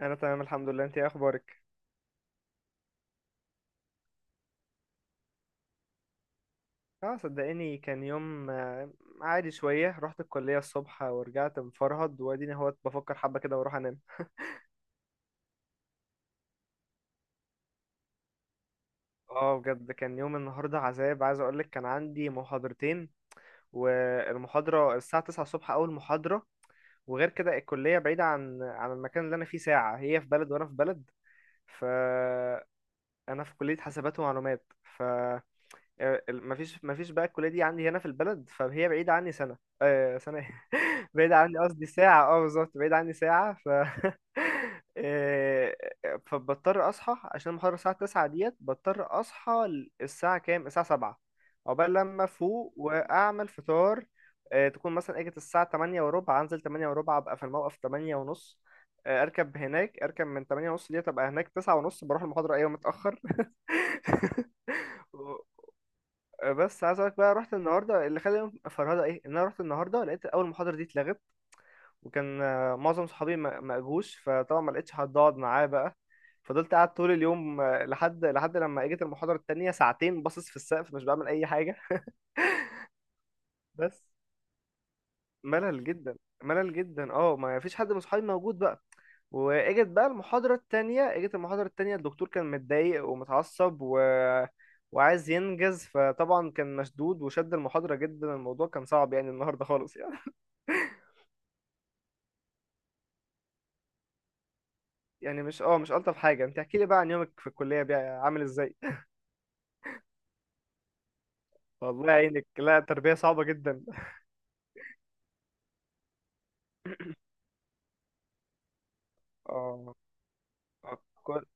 انا تمام الحمد لله. انت إيه اخبارك؟ اه، صدقيني كان يوم عادي شويه. رحت الكليه الصبح ورجعت مفرهد واديني اهوت بفكر حبه كده واروح انام. اه، بجد كان يوم النهارده عذاب، عايز اقولك كان عندي محاضرتين، والمحاضره الساعه 9 الصبح اول محاضره. وغير كده الكليه بعيده عن المكان اللي انا فيه ساعه، هي في بلد وانا في بلد. فانا في كليه حاسبات ومعلومات، ما فيش بقى الكليه دي عندي هنا في البلد، فهي بعيده عني سنه. آه سنه إيه؟ بعيده عني قصدي ساعه، اه بالظبط، بعيده عني ساعه آه، فبضطر اصحى عشان المحاضره الساعه 9 ديت، بضطر اصحى الساعه كام، الساعه 7، عقبال لما افوق واعمل فطار. تكون مثلا اجت الساعه 8 وربع انزل، 8 وربع ابقى في الموقف، 8 ونص اركب هناك، اركب من 8 ونص ديت ابقى هناك 9 ونص بروح المحاضره، ايوه متاخر بس عايز اقولك بقى، رحت النهارده اللي خلاني فرهده ايه، ان انا رحت النهارده لقيت اول محاضره دي اتلغت. وكان معظم صحابي ما اجوش، فطبعا ما لقيتش حد اقعد معاه بقى. فضلت قاعد طول اليوم لحد لما اجت المحاضره التانية، ساعتين باصص في السقف مش بعمل اي حاجه بس ملل جدا، ملل جدا، اه، ما فيش حد من صحابي موجود بقى. واجت بقى المحاضرة التانية، اجت المحاضرة التانية، الدكتور كان متضايق ومتعصب و... وعايز ينجز، فطبعا كان مشدود وشد المحاضرة جدا، الموضوع كان صعب يعني النهاردة خالص يعني يعني مش ألطف حاجة. انت احكي لي بقى عن يومك في الكلية بقى عامل ازاي؟ والله يعينك. لا تربية صعبة جدا. اه، آه، كل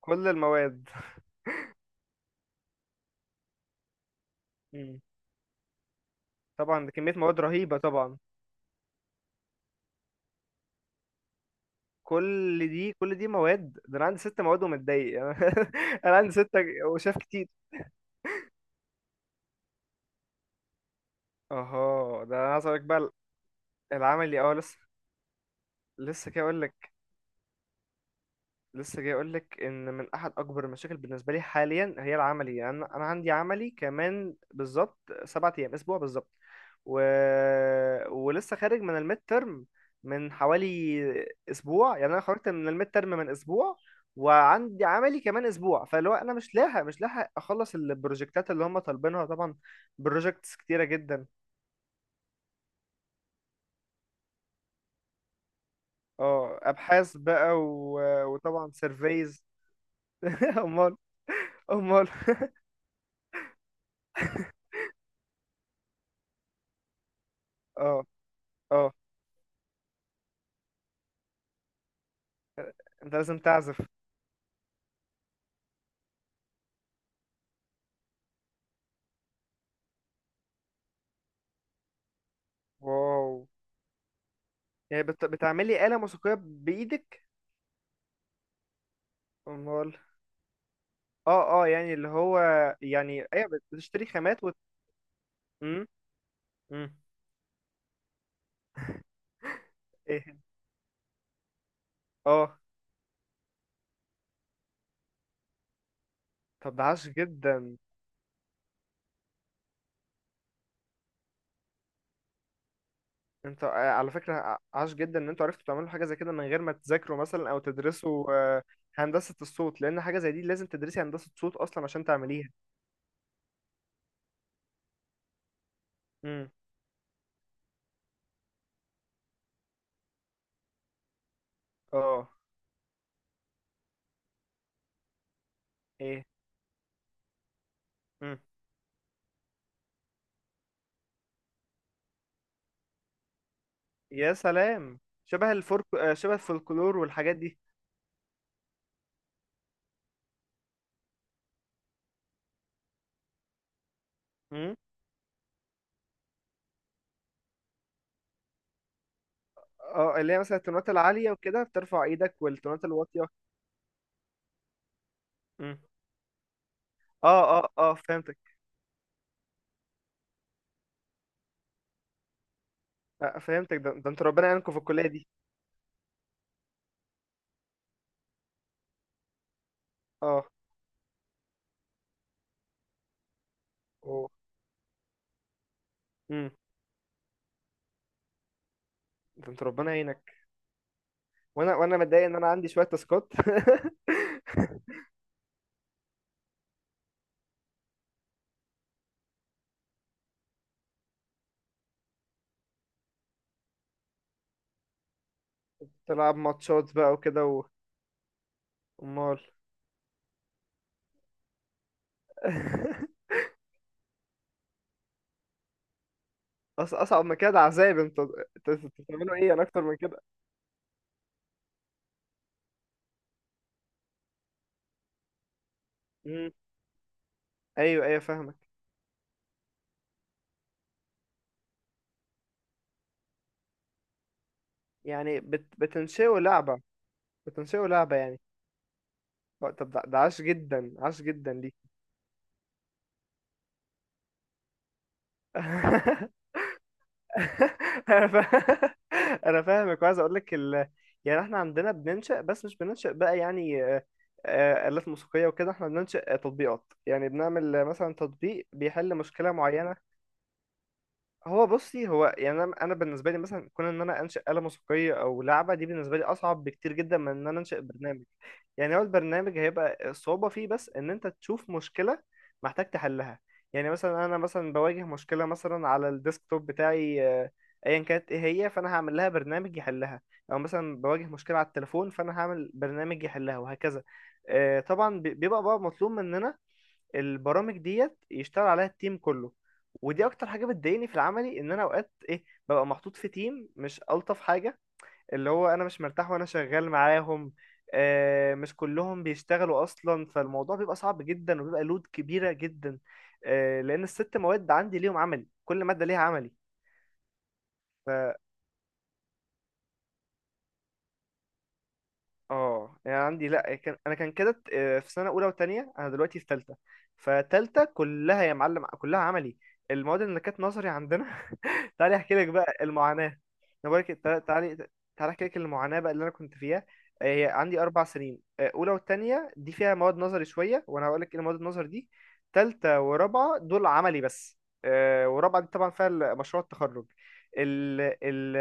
كل المواد. مم. طبعا ده كمية مواد رهيبة طبعا. كل دي مواد، ده انا عندي ست مواد ومتضايق انا عندي ستة وشاف كتير. اها، ده انا عايز اقولك بقى، العملي، اه لسه. لسه جاي اقول لك لسه جاي اقول لك ان من احد اكبر المشاكل بالنسبه لي حاليا هي العملي. يعني أنا عندي عملي كمان بالظبط، سبعة ايام اسبوع بالظبط. و... ولسه خارج من الميد ترم من حوالي اسبوع، يعني انا خرجت من الميد ترم من اسبوع وعندي عملي كمان اسبوع، فاللي هو انا مش لاحق اخلص البروجكتات اللي هم طالبينها طبعا، بروجكتس كتيره جدا. اه ابحاث بقى، و... وطبعا سيرفيز امال، امال. اه اه، انت لازم تعزف. واو! يعني بتعملي آلة موسيقية بإيدك؟ امال. اه اه، يعني اللي هو، يعني ايوه، بتشتري خامات مم. مم. ايه. اه. طب ده عاش جدا! انت على فكرة عاش جدا ان انتوا عرفتوا تعملوا حاجة زي كده من غير ما تذاكروا مثلا او تدرسوا. آه، هندسة الصوت، لان حاجة زي دي لازم تدرسي هندسة صوت اصلا عشان تعمليها. مم. اه. ايه. مم. يا سلام! شبه الفرق، شبه الفولكلور والحاجات دي. اه، اللي هي مثلا التونات العالية وكده بترفع ايدك، والتونات الواطية. مم. اه اه اه فهمتك. آه فهمتك. ده انت ربنا يعينكم في الكلية دي. اه. اوه. مم. ده انت ربنا يعينك. وانا متضايق ان انا عندي شوية تاسكات تلعب ماتشات بقى وكده امال. اصعب من كده؟ ده عذاب. انت انت بتعملوا ايه؟ انا اكتر من كده. مم. ايوه ايوه فاهمك. يعني بتنشئوا لعبة يعني. طب ده عاش جدا، عاش جدا دي انا فا- انا فاهمك وعايز اقول لك يعني احنا عندنا بننشأ، بس مش بننشأ بقى يعني آلات موسيقية وكده، احنا بننشأ تطبيقات. يعني بنعمل مثلا تطبيق بيحل مشكلة معينة. هو بصي، هو يعني، أنا بالنسبة لي مثلا كون ان انا انشأ آلة موسيقية او لعبة دي بالنسبة لي اصعب بكتير جدا من ان انا انشأ برنامج. يعني هو البرنامج هيبقى الصعوبة فيه بس إن أنت تشوف مشكلة محتاج تحلها. يعني مثلا أنا مثلا بواجه مشكلة مثلا على الديسكتوب بتاعي أيا كانت إيه هي، فأنا هعمل لها برنامج يحلها. أو مثلا بواجه مشكلة على التليفون فأنا هعمل برنامج يحلها، وهكذا. طبعا بيبقى بقى مطلوب مننا البرامج ديت يشتغل عليها التيم كله. ودي أكتر حاجة بتضايقني في العملي، إن أنا أوقات إيه ببقى محطوط في تيم مش ألطف حاجة، اللي هو انا مش مرتاح وانا شغال معاهم. مش كلهم بيشتغلوا اصلا، فالموضوع بيبقى صعب جدا وبيبقى لود كبيرة جدا. لان الست مواد عندي ليهم عملي، كل مادة ليها عملي. اه يعني عندي، لا، كان انا كان كده في سنه اولى وثانيه، انا دلوقتي في ثالثه. فتالتة كلها يا معلم كلها عملي، المواد اللي كانت نظري عندنا تعالي احكي لك بقى المعاناه، انا بقول لك تعالي. تعالي احكي لك المعاناه بقى اللي انا كنت فيها. هي عندي اربع سنين، اولى والتانية دي فيها مواد نظري شويه، وانا هقول لك ايه المواد النظري دي. تالتة ورابعه دول عملي بس، ورابعه دي طبعا فيها مشروع التخرج. ال ال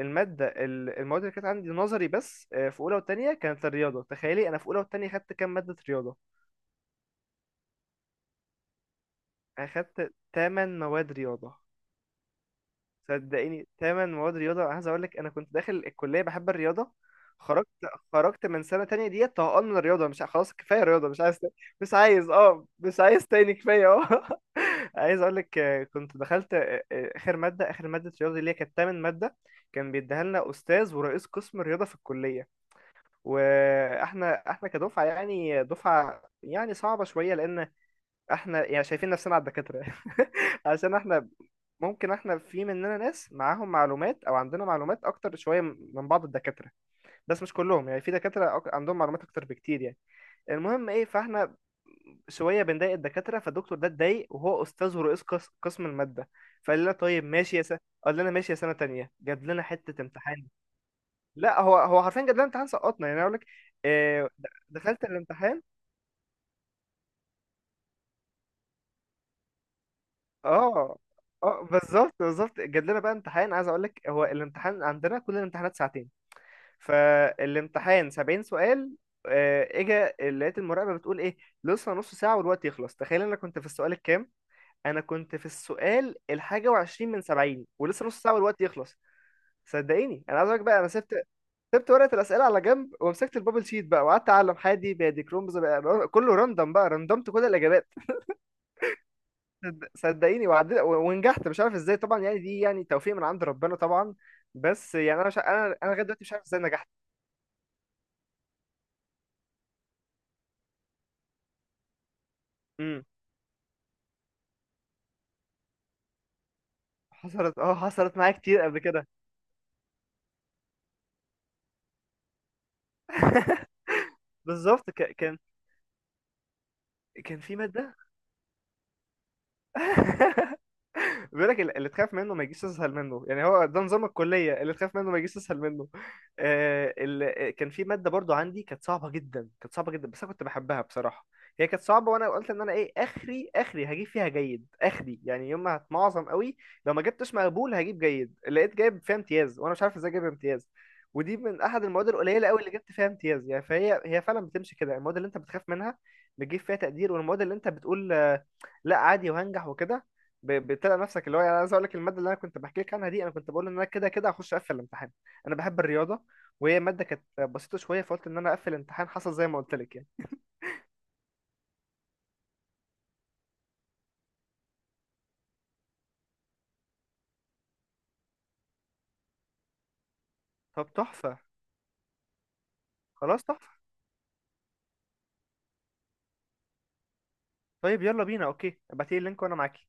المادة، المواد اللي كانت عندي نظري بس في أولى وتانية، كانت الرياضة. تخيلي أنا في أولى وتانية خدت كام مادة رياضة؟ أنا خدت تمن مواد رياضة. صدقيني تمن مواد رياضة. عايز أقول لك أنا كنت داخل الكلية بحب الرياضة. خرجت خرجت من سنة تانية ديت طهقان من الرياضة، مش ع- خلاص، كفاية رياضة مش عايز تاني. مش عايز، اه، مش عايز تاني كفاية اه عايز أقول لك كنت دخلت آخر مادة رياضة اللي هي كانت تمن مادة. كان بيديها لنا أستاذ ورئيس قسم الرياضة في الكلية. واحنا كدفعه، يعني دفعه يعني صعبه شويه، لان احنا يعني شايفين نفسنا على الدكاتره عشان احنا ممكن احنا في مننا ناس معاهم معلومات او عندنا معلومات اكتر شويه من بعض الدكاتره، بس مش كلهم يعني، في دكاتره عندهم معلومات اكتر بكتير يعني. المهم ايه، فاحنا شويه بنضايق الدكاتره، فالدكتور ده اتضايق، وهو استاذ ورئيس قسم الماده، فقال لنا طيب ماشي يا سنه. قال لنا ماشي يا سنه تانية، جاب لنا حته امتحان. لا هو حرفيا جدول الامتحان سقطنا يعني اقول لك. دخلت الامتحان. اه اه بالظبط بالظبط، جات لنا بقى امتحان. عايز اقول لك هو الامتحان عندنا، كل الامتحانات ساعتين، فالامتحان 70 سؤال. اجا لقيت المراقبه بتقول ايه، لسه نص ساعه والوقت يخلص. تخيل انا كنت في السؤال الكام؟ انا كنت في السؤال الحاجه وعشرين من 70 ولسه نص ساعه والوقت يخلص. صدقيني انا عايز اقول لك بقى، انا سبت، سبت ورقة الأسئلة على جنب ومسكت البابل شيت بقى وقعدت أعلم حادي بادي كرومز بقى، كله راندم بقى، راندمت كل الإجابات. صدقيني وعدت ونجحت مش عارف إزاي. طبعا يعني دي يعني توفيق من عند ربنا طبعا، بس يعني أنا لغاية دلوقتي مش عارف إزاي نجحت. امم. حصلت، حصلت معايا كتير قبل كده. بالظبط كان. كان في مادة، بيقول لك اللي تخاف منه ما يجيش، تسهل منه يعني، هو ده نظام الكلية، اللي تخاف منه ما يجيش تسهل منه. آه كان في مادة برضو عندي كانت صعبة جدا، كانت صعبة جدا بس أنا كنت بحبها بصراحة. هي كانت صعبة وأنا قلت إن أنا إيه، آخري آخري هجيب فيها جيد، آخري يعني يوم ما هتمعظم قوي لو ما جبتش مقبول هجيب جيد، لقيت جايب فيها امتياز وأنا مش عارف إزاي جايب امتياز. ودي من أحد المواد القليلة قوي اللي جبت فيها امتياز يعني. فهي هي فعلا بتمشي كده، المواد اللي أنت بتخاف منها بتجيب فيها تقدير، والمواد اللي أنت بتقول لا عادي وهنجح وكده، بتلاقي نفسك اللي هو، يعني عايز اقول لك الماده اللي انا كنت بحكي لك عنها دي، انا كنت بقول ان انا كده كده هخش اقفل الامتحان، انا بحب الرياضه وهي ماده كانت بسيطه شويه، فقلت ان انا اقفل الامتحان، حصل زي ما قلت لك يعني. طب تحفه. خلاص تحفه. طيب يلا بينا، اوكي ابعتي لي اللينك وانا معاك.